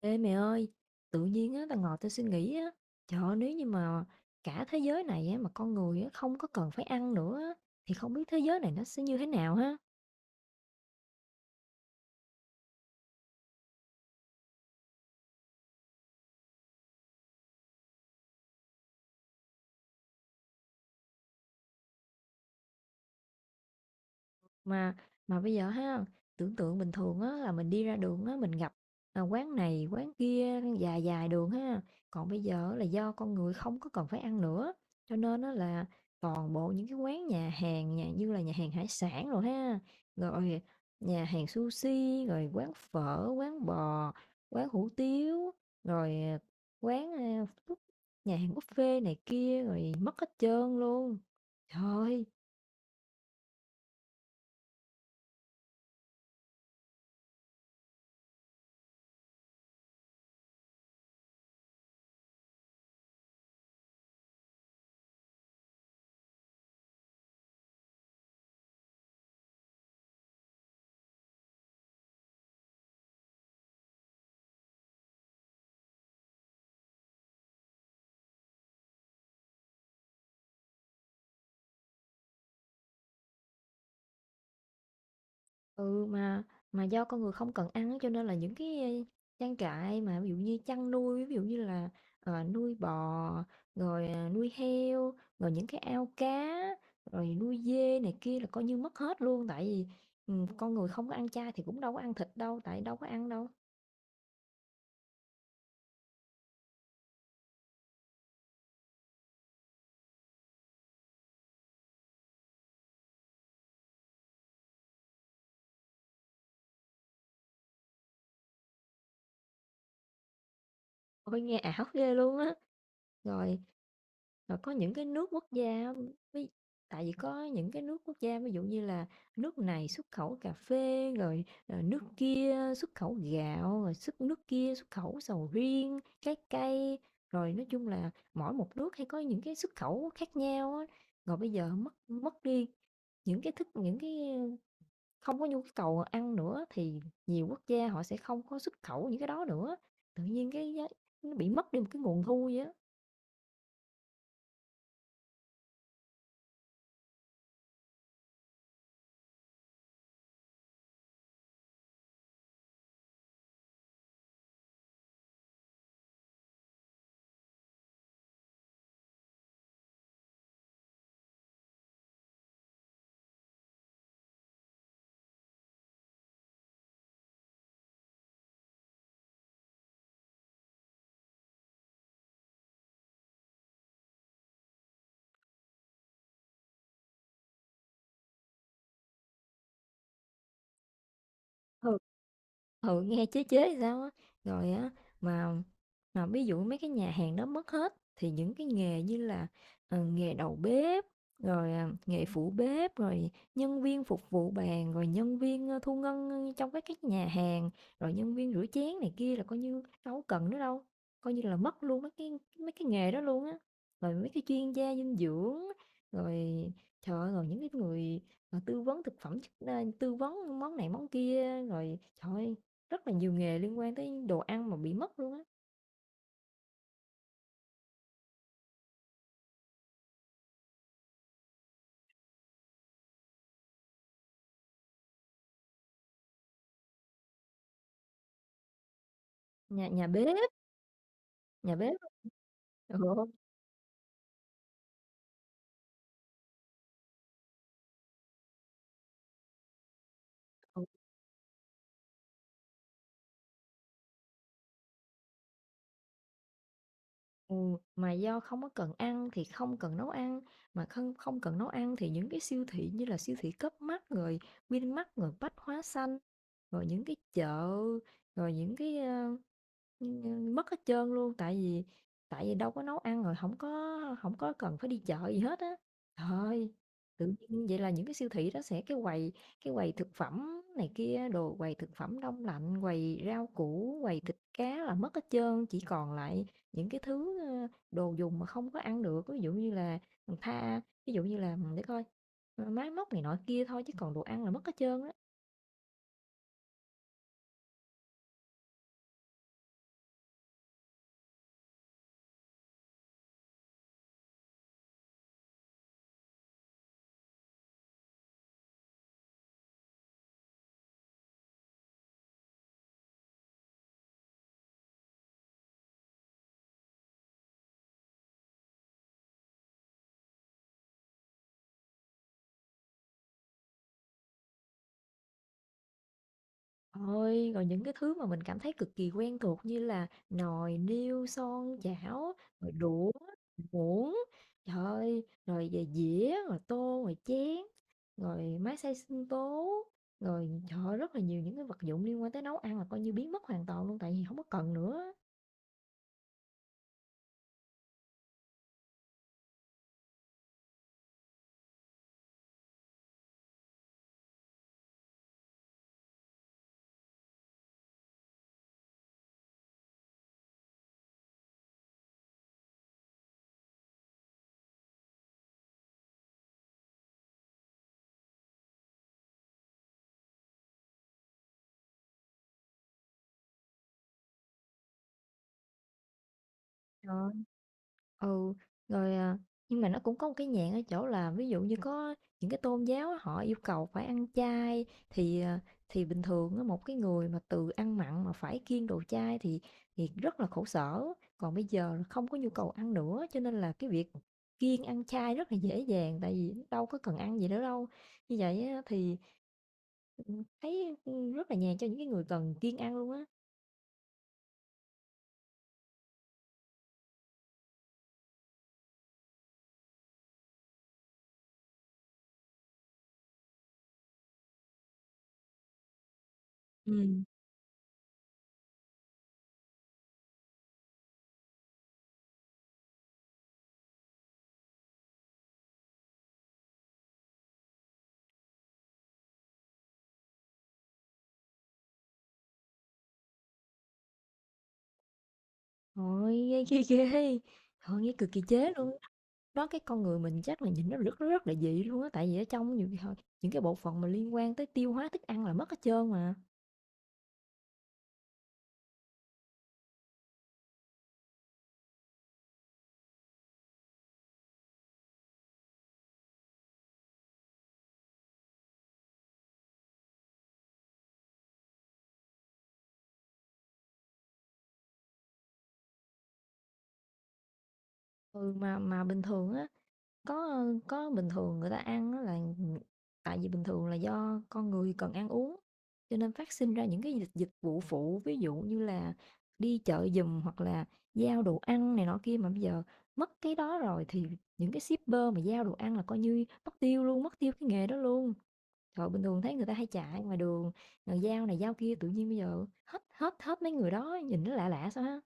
Ê mẹ ơi, tự nhiên á, tao ngồi tao suy nghĩ á, trời ơi, nếu như mà cả thế giới này á, mà con người á, không có cần phải ăn nữa á, thì không biết thế giới này nó sẽ như thế nào ha? Mà mà bây giờ ha, tưởng tượng bình thường á là mình đi ra đường á, mình gặp, quán này quán kia dài dài đường ha, còn bây giờ là do con người không có cần phải ăn nữa, cho nên á là toàn bộ những cái quán nhà hàng nhà như là nhà hàng hải sản rồi ha, rồi nhà hàng sushi, rồi quán phở, quán bò, quán hủ tiếu, rồi, quán, a, nhà hàng buffet này kia rồi mất hết trơn luôn. Trời ơi! Ừ, mà do con người không cần ăn á, cho nên là những cái trang trại mà ví dụ như chăn nuôi, ví dụ như là, nuôi bò, rồi, nuôi heo, rồi những cái ao cá, rồi nuôi dê này kia là coi như mất hết luôn. Tại vì, con người không có ăn chay thì cũng đâu có ăn thịt đâu, tại đâu có ăn đâu. Ôi, nghe ảo ghê luôn á! Rồi rồi có những cái nước quốc gia á, ví tại vì có những cái nước quốc gia, ví dụ như là nước này xuất khẩu cà phê, rồi, nước kia xuất khẩu gạo, rồi nước kia xuất khẩu sầu riêng, trái cây, rồi nói chung là mỗi một nước hay có những cái xuất khẩu khác nhau á. Rồi bây giờ mất mất đi những cái không có nhu cầu ăn nữa thì nhiều quốc gia họ sẽ không có xuất khẩu những cái đó nữa, tự nhiên cái giá nó bị mất đi một cái nguồn thu vậy á. Ừ. Ừ, nghe chế chế sao á. Rồi á mà mà ví dụ mấy cái nhà hàng đó mất hết thì những cái nghề như là nghề đầu bếp rồi nghề phụ bếp rồi nhân viên phục vụ bàn rồi nhân viên thu ngân trong các cái nhà hàng rồi nhân viên rửa chén này kia là coi như đâu có cần nữa đâu, coi như là mất luôn mấy cái nghề đó luôn á, rồi mấy cái chuyên gia dinh dưỡng, rồi trời ơi, rồi những cái người ờ, tư vấn thực phẩm chức- ờ, tư vấn món này món kia, rồi trời ơi, rất là nhiều nghề liên quan tới đồ ăn mà bị mất luôn á. Nhà nhà bếp, nhà bếp. Ừ, ừ, ừ, ừ, mà do không có cần ăn thì không cần nấu ăn, mà không không cần nấu ăn thì những cái siêu thị như là siêu thị cấp Mart rồi Vinmart rồi Bách Hóa Xanh, rồi những cái chợ, rồi những cái, mất hết trơn luôn, tại vì đâu có nấu ăn rồi không có cần phải đi chợ gì hết á. Thôi. Tự nhiên vậy là những cái siêu thị đó sẽ cái quầy thực phẩm này kia, đồ quầy thực phẩm đông lạnh, quầy rau củ, quầy thịt cá là mất hết trơn, chỉ còn lại những cái thứ, đồ dùng mà không có ăn được. Ví dụ như là, tha ví dụ như là để coi, máy móc này nọ kia thôi chứ còn đồ ăn là mất hết trơn á. Ôi, rồi những cái thứ mà mình cảm thấy cực kỳ quen thuộc như là nồi niêu, son chảo, rồi đũa, muỗng, trời ơi, rồi về dĩa, rồi tô, rồi chén, rồi máy xay sinh tố, rồi trời rất là nhiều những cái vật dụng liên quan tới nấu ăn là coi như biến mất hoàn toàn luôn tại vì hổng có cần nữa. Rồi. Ừ, rồi, nhưng mà nó cũng có một cái nhạn ở chỗ là ví dụ như có những cái tôn giáo á, họ yêu cầu phải ăn chay thì, bình thường á, một cái người mà từ ăn mặn mà phải kiêng đồ chay thì rất là khổ sở, còn bây giờ là không có nhu cầu ăn nữa cho nên là cái việc kiêng ăn chay rất là dễ dàng tại vì đâu có cần ăn gì nữa đâu. Như vậy á thì thấy, rất là nhàn cho những cái người cần kiêng ăn luôn á. Ừm. Ôi, nghe ghê ghê, trời ơi, nghe cực kỳ chế luôn á. Đó, cái con người mình chắc là nhìn nó rất rất là dị luôn á, tại vì ở trong nhiều khi họ những cái bộ phận mà liên quan tới tiêu hóa thức ăn là mất hết trơn mà. Ừ, mà bình thường á, Có, có bình thường người ta ăn á là, tại vì bình thường là do con người cần ăn uống, cho nên phát sinh ra những cái dịch dịch vụ phụ, ví dụ như là đi chợ giùm hoặc là giao đồ ăn này nọ kia, mà bây giờ mất cái đó rồi thì những cái shipper mà giao đồ ăn là coi như mất tiêu luôn, mất tiêu cái nghề đó luôn. Trời, bình thường thấy người ta hay chạy ngoài đường, người giao này giao kia, tự nhiên bây giờ hết hết hết mấy người đó, nhìn nó lạ lạ sao ha.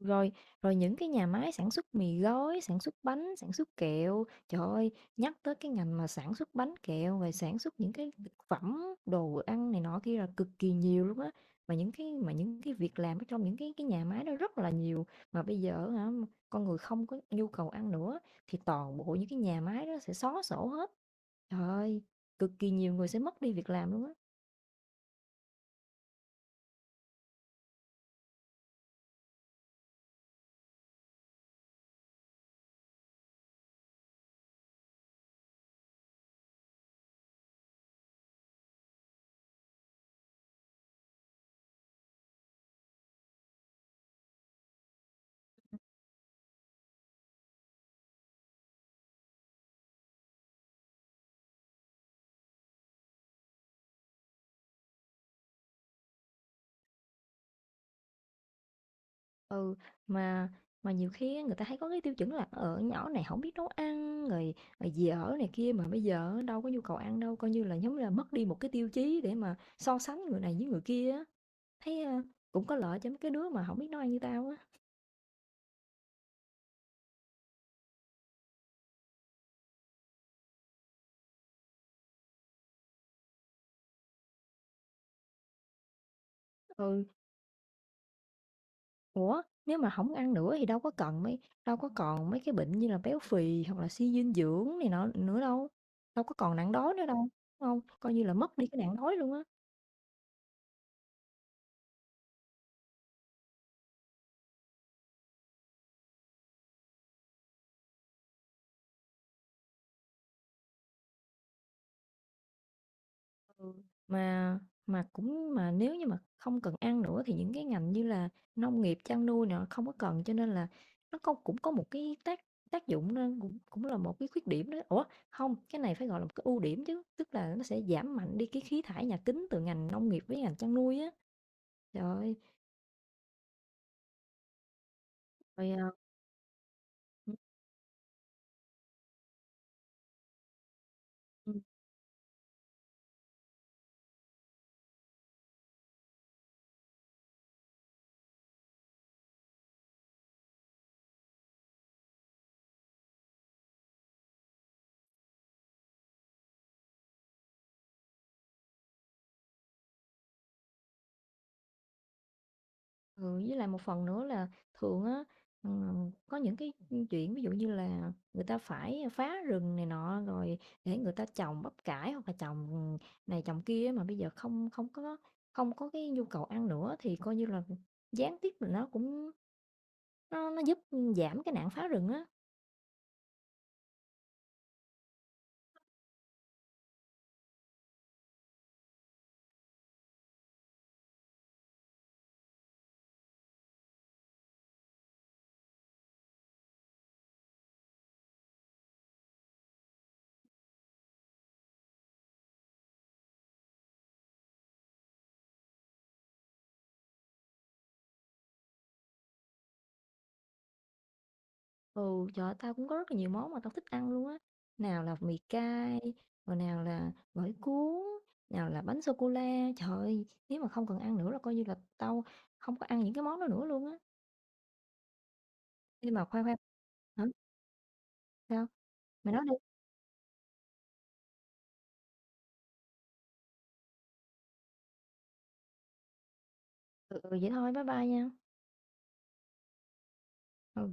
Rồi, rồi, những cái nhà máy sản xuất mì gói, sản xuất bánh, sản xuất kẹo, trời ơi, nhắc tới cái ngành mà sản xuất bánh kẹo rồi sản xuất những cái thực phẩm, đồ ăn này nọ kia là cực kỳ nhiều luôn á. Mà những cái việc làm ở trong những cái nhà máy đó rất là nhiều mà bây giờ hả, con người không có nhu cầu ăn nữa thì toàn bộ những cái nhà máy đó sẽ xóa sổ hết. Trời ơi, cực kỳ nhiều người sẽ mất đi việc làm luôn á. Ừ, mà mà nhiều khi á, người ta hay có cái tiêu chuẩn là ở nhỏ này không biết nấu ăn rồi, rồi dì ở này kia, mà bây giờ đâu có nhu cầu ăn đâu, coi như là giống như là mất đi một cái tiêu chí để mà so sánh người này với người kia á, thấy, cũng có lợi cho mấy cái đứa mà không biết nấu ăn như tao á. Ừ, ủa, nếu mà không ăn nữa thì đâu có còn mấy cái bệnh như là béo phì hoặc là suy dinh dưỡng này nọ nữa đâu, đâu có còn nạn đói nữa đâu, đúng hông? Coi như là mất đi cái nạn đói luôn á. Ừ, mà mà nếu như mà không cần ăn nữa thì những cái ngành như là nông nghiệp, chăn nuôi nữa không có cần, cho nên là nó cũng có một cái tác tác dụng, nên cũng cũng là một cái khuyết điểm đó. Ủa, không, cái này phải gọi là một cái ưu điểm chứ, tức là nó sẽ giảm mạnh đi cái khí thải nhà kính từ ngành nông nghiệp với ngành chăn nuôi á. Trời ơi, rồi ừ. Ừ, với lại một phần nữa là thường á, có những cái chuyện ví dụ như là người ta phải phá rừng này nọ rồi để người ta trồng bắp cải hoặc là trồng này trồng kia mà bây giờ không không có không có cái nhu cầu ăn nữa thì coi như là gián tiếp là nó cũng nó giúp giảm cái nạn phá rừng á. Ừ, trời ơi, tao cũng có rất là nhiều món mà tao thích ăn luôn á. Nào là mì cay, rồi nào là gỏi cuốn, nào là bánh sô cô la. Trời ơi, nếu mà không cần ăn nữa là coi như là tao không có ăn những cái món đó nữa luôn á. Nhưng mà khoan khoan, hả? Sao? Mày nói đi. Ừ, ừ, vậy thôi, bye bye nha. Ừ.